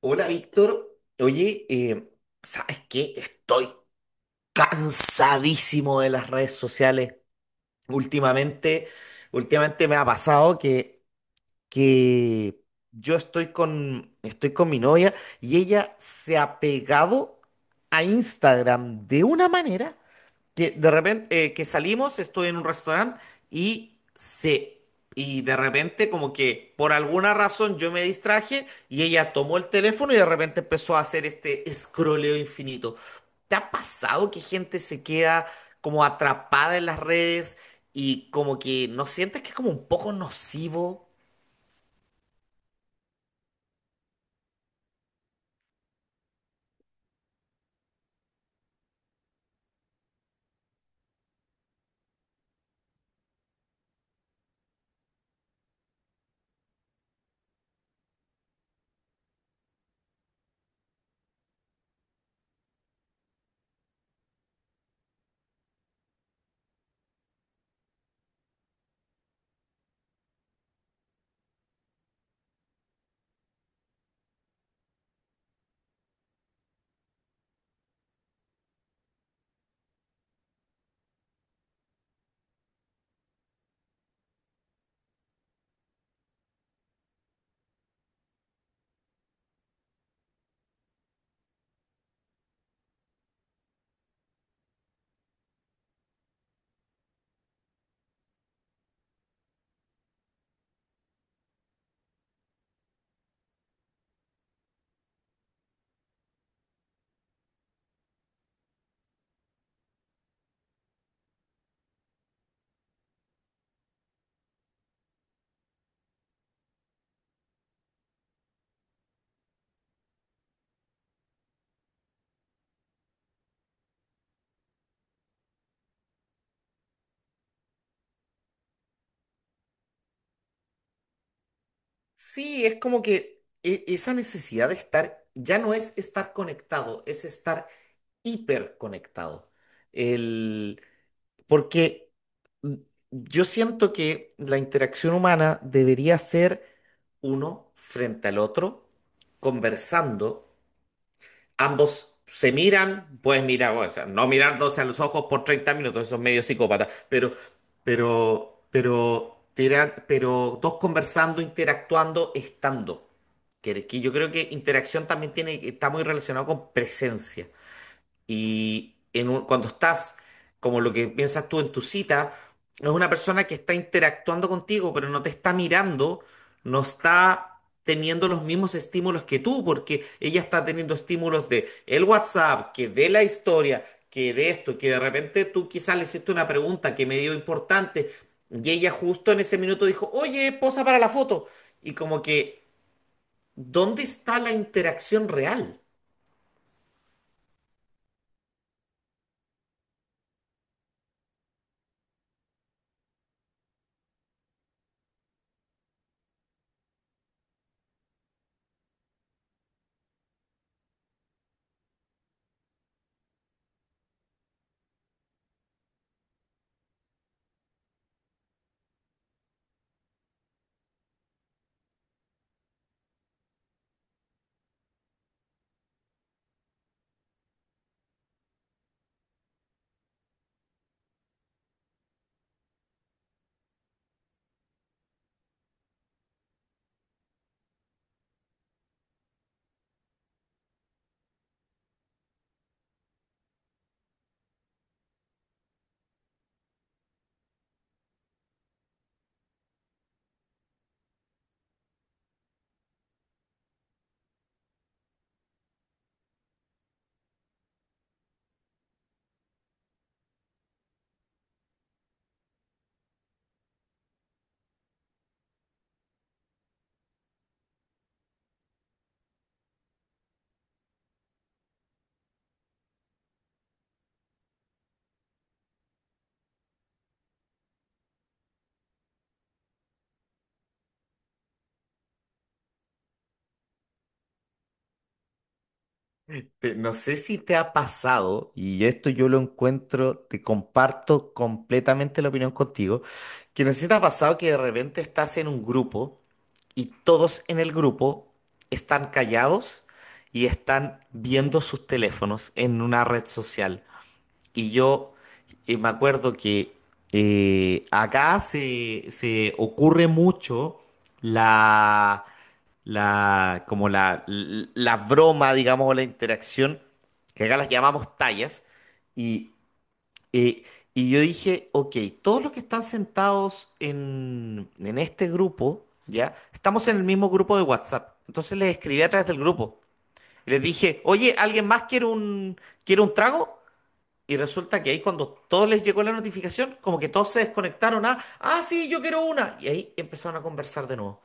Hola Víctor, oye, ¿sabes qué? Estoy cansadísimo de las redes sociales. Últimamente, Últimamente me ha pasado que yo estoy con mi novia y ella se ha pegado a Instagram de una manera. Que de repente, que salimos, estoy en un restaurante y se... Y de repente como que por alguna razón yo me distraje y ella tomó el teléfono y de repente empezó a hacer este escroleo infinito. ¿Te ha pasado que gente se queda como atrapada en las redes y como que no sientes que es como un poco nocivo? Sí, es como que esa necesidad de estar, ya no es estar conectado, es estar hiperconectado. El, Porque yo siento que la interacción humana debería ser uno frente al otro, conversando. Ambos se miran, pues mira, o sea, no mirándose a los ojos por 30 minutos, eso es medio psicópata, pero, pero dos conversando, interactuando, estando. Que yo creo que interacción también tiene, está muy relacionado con presencia. Y en cuando estás, como lo que piensas tú en tu cita, es una persona que está interactuando contigo, pero no te está mirando, no está teniendo los mismos estímulos que tú, porque ella está teniendo estímulos de el WhatsApp, que de la historia, que de esto, que de repente tú quizás le hiciste una pregunta que me dio importante, y ella justo en ese minuto dijo, oye, posa para la foto. Y como que, ¿dónde está la interacción real? No sé si te ha pasado, y esto yo lo encuentro, te comparto completamente la opinión contigo, que no sé si te ha pasado que de repente estás en un grupo y todos en el grupo están callados y están viendo sus teléfonos en una red social. Y yo me acuerdo que acá se ocurre mucho la la, como la broma, digamos, o la interacción, que acá las llamamos tallas, y, eh, y yo dije, ok, todos los que están sentados en este grupo, ¿ya? Estamos en el mismo grupo de WhatsApp, entonces les escribí a través del grupo, y les dije, oye, ¿alguien más quiere un trago? Y resulta que ahí cuando todos les llegó la notificación, como que todos se desconectaron ah, sí, yo quiero una. Y ahí empezaron a conversar de nuevo.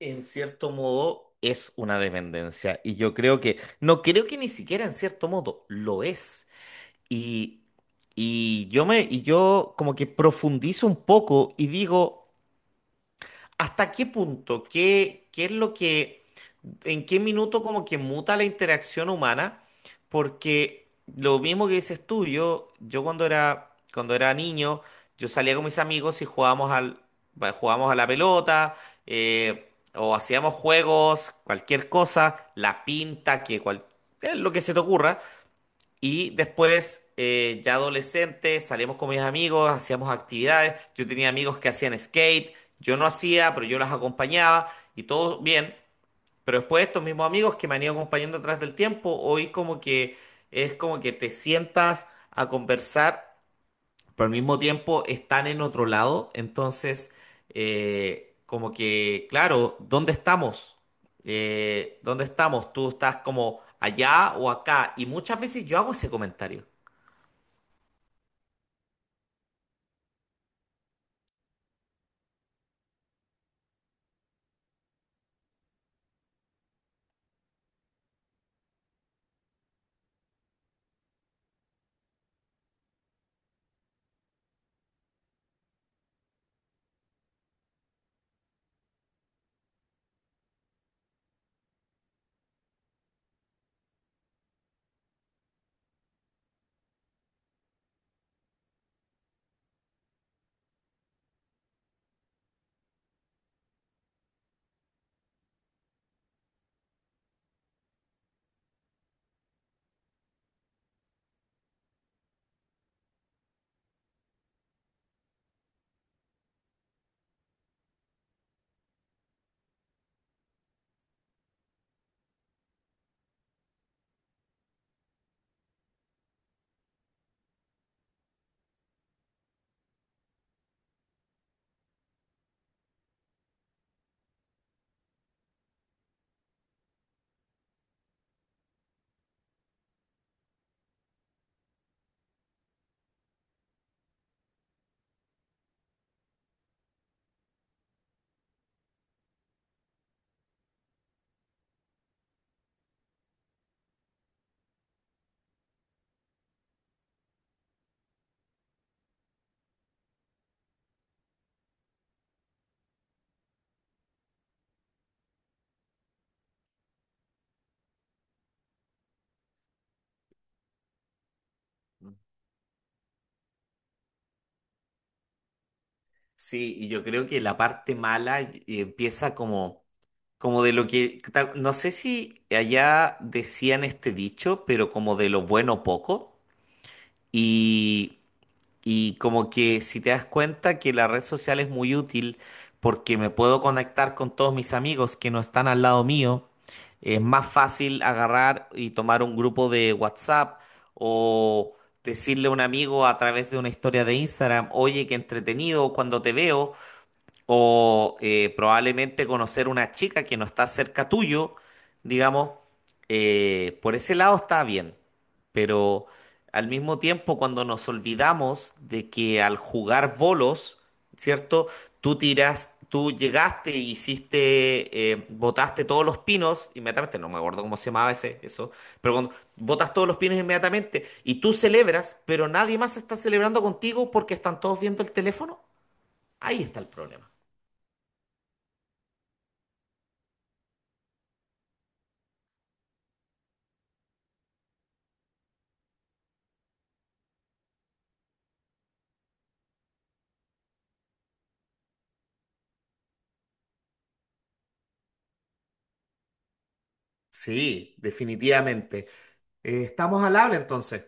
En cierto modo es una dependencia y yo creo que, no creo que ni siquiera en cierto modo lo es. Y, y yo como que profundizo un poco y digo... ¿Hasta qué punto? ¿Qué es lo que, en qué minuto como que muta la interacción humana? Porque lo mismo que dices tú, yo cuando era niño, yo salía con mis amigos y jugábamos a la pelota, o hacíamos juegos, cualquier cosa, la pinta, lo que se te ocurra. Y después, ya adolescente, salíamos con mis amigos, hacíamos actividades. Yo tenía amigos que hacían skate, yo no hacía, pero yo las acompañaba y todo bien. Pero después estos mismos amigos que me han ido acompañando atrás del tiempo, hoy como que es como que te sientas a conversar, pero al mismo tiempo están en otro lado. Entonces, como que, claro, ¿dónde estamos? ¿Dónde estamos? ¿Tú estás como allá o acá? Y muchas veces yo hago ese comentario. Sí, y yo creo que la parte mala empieza como de lo que, no sé si allá decían este dicho, pero como de lo bueno poco. Y, y como que si te das cuenta que la red social es muy útil porque me puedo conectar con todos mis amigos que no están al lado mío, es más fácil agarrar y tomar un grupo de WhatsApp o decirle a un amigo a través de una historia de Instagram, oye, qué entretenido cuando te veo o probablemente conocer una chica que no está cerca tuyo, digamos, por ese lado está bien, pero al mismo tiempo cuando nos olvidamos de que al jugar bolos, ¿cierto? Tú tiras, tú llegaste, hiciste, botaste todos los pinos inmediatamente, no me acuerdo cómo se llamaba eso, pero cuando botas todos los pinos inmediatamente y tú celebras, pero nadie más está celebrando contigo porque están todos viendo el teléfono, ahí está el problema. Sí, definitivamente. Estamos al habla entonces.